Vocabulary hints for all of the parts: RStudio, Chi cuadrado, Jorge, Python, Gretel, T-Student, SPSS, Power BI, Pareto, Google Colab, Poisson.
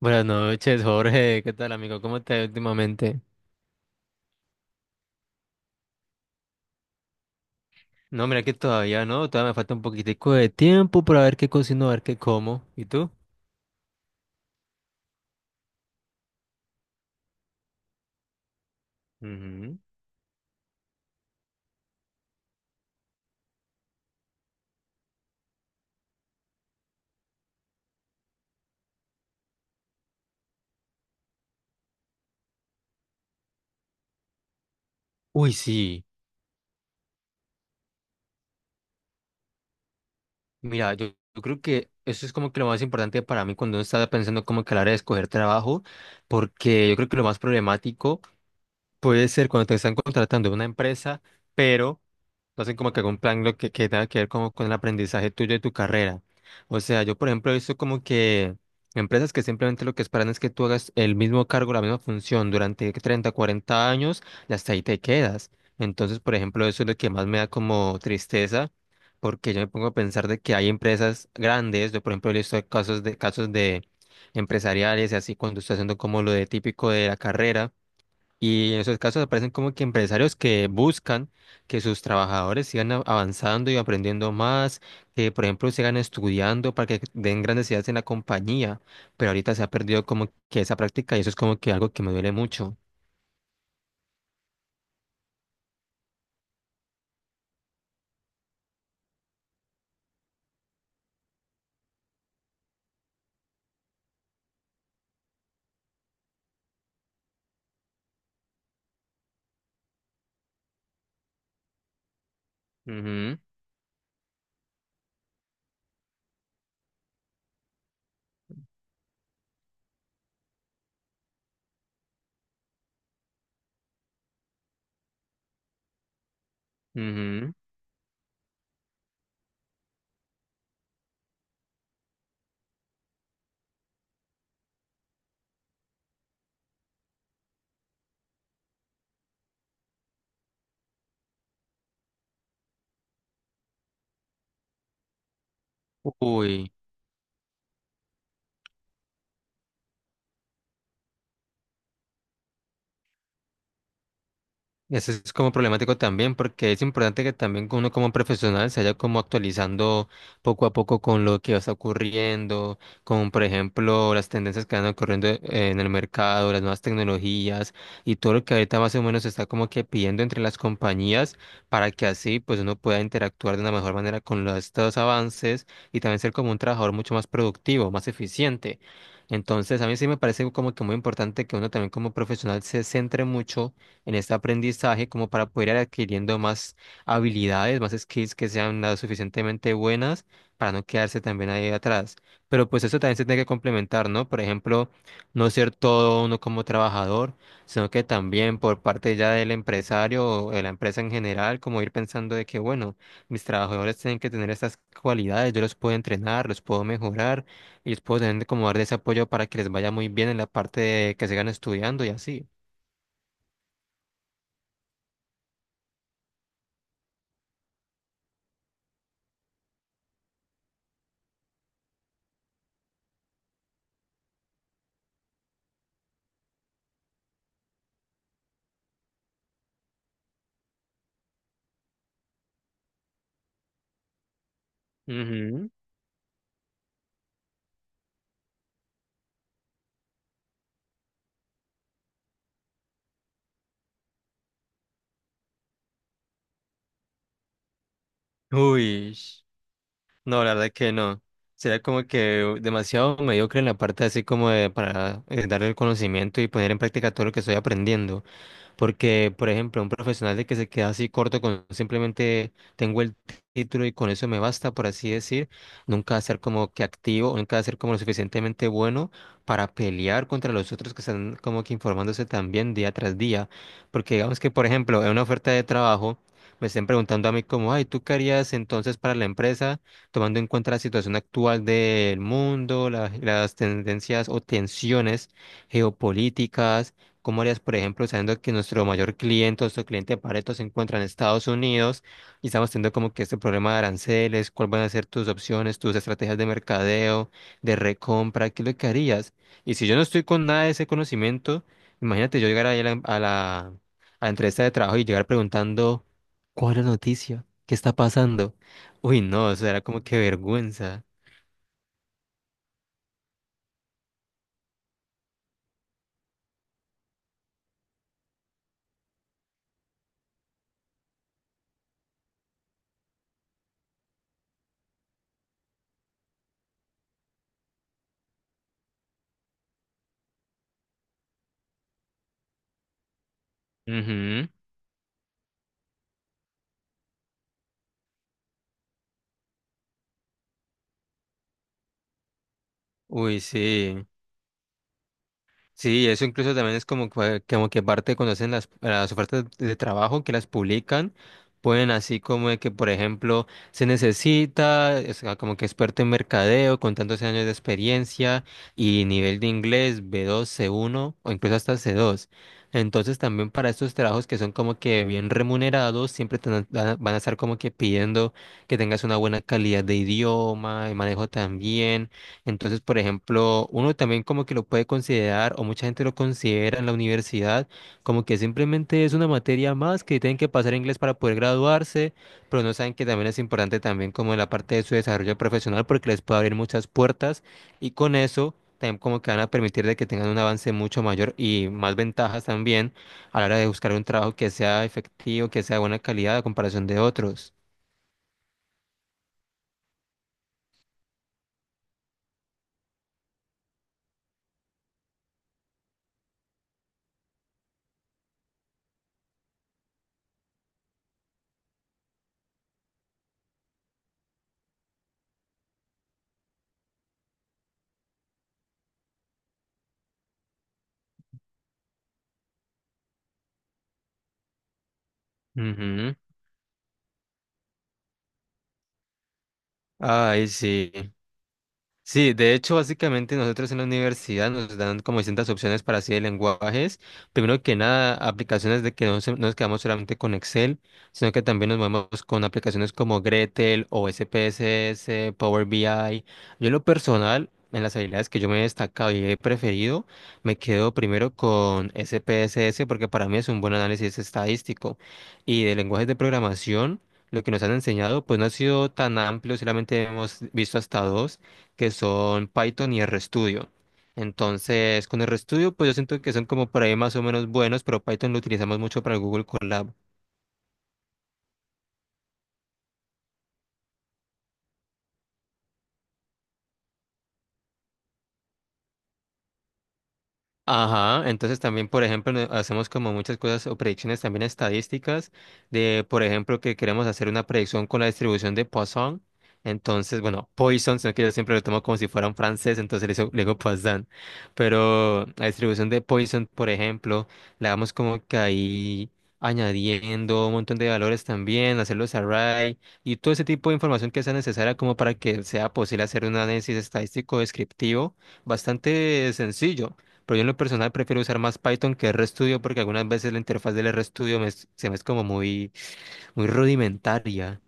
Buenas noches, Jorge. ¿Qué tal, amigo? ¿Cómo estás últimamente? No, mira que todavía no, todavía me falta un poquitico de tiempo para ver qué cocino, a ver qué como. ¿Y tú? Ujú. Uy, sí. Mira, yo creo que eso es como que lo más importante para mí cuando uno está pensando como que a la hora de escoger trabajo, porque yo creo que lo más problemático puede ser cuando te están contratando en una empresa, pero no hacen como que algún plan lo que tenga que ver como con el aprendizaje tuyo de tu carrera. O sea, yo por ejemplo he visto como que empresas que simplemente lo que esperan es que tú hagas el mismo cargo, la misma función durante 30, 40 años y hasta ahí te quedas. Entonces, por ejemplo, eso es lo que más me da como tristeza, porque yo me pongo a pensar de que hay empresas grandes, yo por ejemplo he visto casos de empresariales y así cuando estoy haciendo como lo de típico de la carrera y en esos casos aparecen como que empresarios que buscan que sus trabajadores sigan avanzando y aprendiendo más, que por ejemplo sigan estudiando para que den grandes ideas en la compañía, pero ahorita se ha perdido como que esa práctica y eso es como que algo que me duele mucho. Ujú, ujú. Uy. Eso es como problemático también, porque es importante que también uno como profesional se vaya como actualizando poco a poco con lo que está ocurriendo, con por ejemplo las tendencias que van ocurriendo en el mercado, las nuevas tecnologías y todo lo que ahorita más o menos se está como que pidiendo entre las compañías para que así pues uno pueda interactuar de una mejor manera con los, estos avances y también ser como un trabajador mucho más productivo, más eficiente. Entonces, a mí sí me parece como que muy importante que uno también como profesional se centre mucho en este aprendizaje como para poder ir adquiriendo más habilidades, más skills que sean lo suficientemente buenas para no quedarse también ahí atrás. Pero pues eso también se tiene que complementar, ¿no? Por ejemplo, no ser todo uno como trabajador, sino que también por parte ya del empresario o de la empresa en general, como ir pensando de que, bueno, mis trabajadores tienen que tener estas cualidades, yo los puedo entrenar, los puedo mejorar, y les puedo tener como darle ese apoyo para que les vaya muy bien en la parte de que sigan estudiando y así. Ujú. Uy, no, la verdad que no. Será como que demasiado mediocre en la parte así como de para darle el conocimiento y poner en práctica todo lo que estoy aprendiendo. Porque, por ejemplo, un profesional de que se queda así corto con simplemente tengo el título y con eso me basta, por así decir, nunca va a ser como que activo, nunca va a ser como lo suficientemente bueno para pelear contra los otros que están como que informándose también día tras día. Porque digamos que, por ejemplo, en una oferta de trabajo me estén preguntando a mí como, ay, ¿tú qué harías entonces para la empresa, tomando en cuenta la situación actual del mundo, las tendencias o tensiones geopolíticas? ¿Cómo harías, por ejemplo, sabiendo que nuestro mayor cliente, nuestro cliente de Pareto se encuentra en Estados Unidos y estamos teniendo como que este problema de aranceles? ¿Cuáles van a ser tus opciones, tus estrategias de mercadeo, de recompra? ¿Qué es lo que harías? Y si yo no estoy con nada de ese conocimiento, imagínate yo llegar ahí a la entrevista de trabajo y llegar preguntando, ¿cuál es la noticia? ¿Qué está pasando? Uy, no, eso era como que vergüenza. Ujú. Uy, sí. Sí, eso incluso también es como que parte cuando hacen las ofertas de trabajo que las publican, pueden así como de que, por ejemplo, se necesita, o sea, como que experto en mercadeo con tantos años de experiencia y nivel de inglés B2, C1 o incluso hasta C2. Entonces también para estos trabajos que son como que bien remunerados, siempre te van a estar como que pidiendo que tengas una buena calidad de idioma, el manejo también entonces, por ejemplo, uno también como que lo puede considerar, o mucha gente lo considera en la universidad, como que simplemente es una materia más que tienen que pasar inglés para poder graduarse, pero no saben que también es importante también como en la parte de su desarrollo profesional porque les puede abrir muchas puertas y con eso también como que van a permitir de que tengan un avance mucho mayor y más ventajas también a la hora de buscar un trabajo que sea efectivo, que sea de buena calidad a comparación de otros. Ujú. Ay, sí. Sí, de hecho, básicamente nosotros en la universidad nos dan como distintas opciones para así de lenguajes. Primero que nada, aplicaciones de que no nos quedamos solamente con Excel, sino que también nos movemos con aplicaciones como Gretel o SPSS, Power BI. Yo en lo personal, en las habilidades que yo me he destacado y he preferido, me quedo primero con SPSS porque para mí es un buen análisis estadístico. Y de lenguajes de programación, lo que nos han enseñado, pues no ha sido tan amplio, solamente hemos visto hasta dos que son Python y RStudio. Entonces, con RStudio, pues yo siento que son como por ahí más o menos buenos, pero Python lo utilizamos mucho para el Google Colab. Ajá, entonces también, por ejemplo, hacemos como muchas cosas o predicciones también estadísticas de, por ejemplo, que queremos hacer una predicción con la distribución de Poisson. Entonces, bueno, Poisson, sino que yo siempre lo tomo como si fuera un francés, entonces le digo Poisson. Pero la distribución de Poisson, por ejemplo, la vamos como que ahí añadiendo un montón de valores también, hacer los array y todo ese tipo de información que sea necesaria como para que sea posible hacer un análisis estadístico descriptivo bastante sencillo. Pero yo en lo personal prefiero usar más Python que RStudio porque algunas veces la interfaz del RStudio se me es como muy, muy rudimentaria.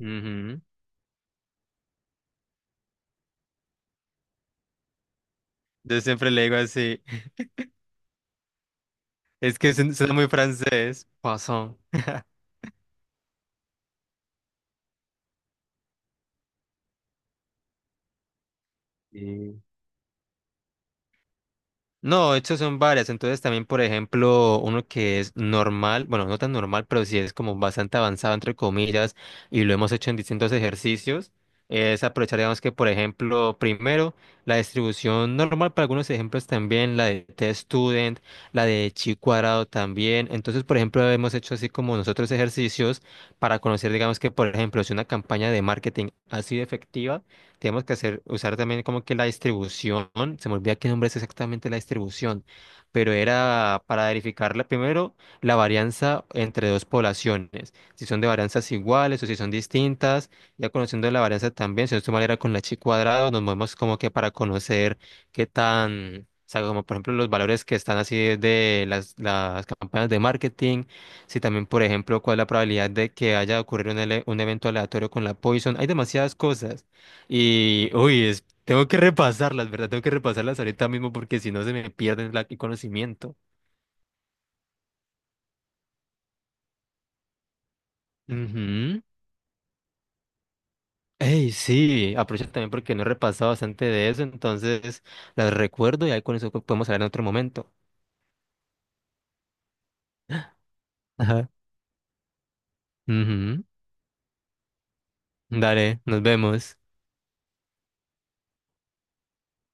Ujú. Yo siempre le digo así, es que suena muy francés, Poisson. No, estas son varias. Entonces también, por ejemplo, uno que es normal, bueno, no tan normal, pero sí es como bastante avanzado, entre comillas, y lo hemos hecho en distintos ejercicios, es aprovechar, digamos que, por ejemplo, primero, la distribución normal para algunos ejemplos también, la de T-Student, la de Chi cuadrado también. Entonces, por ejemplo, hemos hecho así como nosotros ejercicios para conocer, digamos que, por ejemplo, si una campaña de marketing ha sido efectiva tenemos que hacer, usar también como que la distribución, se me olvida qué nombre es exactamente la distribución, pero era para verificarla primero la varianza entre dos poblaciones, si son de varianzas iguales o si son distintas, ya conociendo la varianza también, si no estoy mal era con la chi cuadrado, nos movemos como que para conocer qué tan, o sea, como por ejemplo los valores que están así de las campañas de marketing, si también por ejemplo cuál es la probabilidad de que haya ocurrido un evento aleatorio con la Poison, hay demasiadas cosas. Y, uy, es- tengo que repasarlas, ¿verdad? Tengo que repasarlas ahorita mismo porque si no se me pierden el conocimiento. Ujú. Ey, sí, aprovecho también porque no he repasado bastante de eso, entonces las recuerdo y ahí con eso podemos hablar en otro momento. Ajá. Ujú. Dale, nos vemos.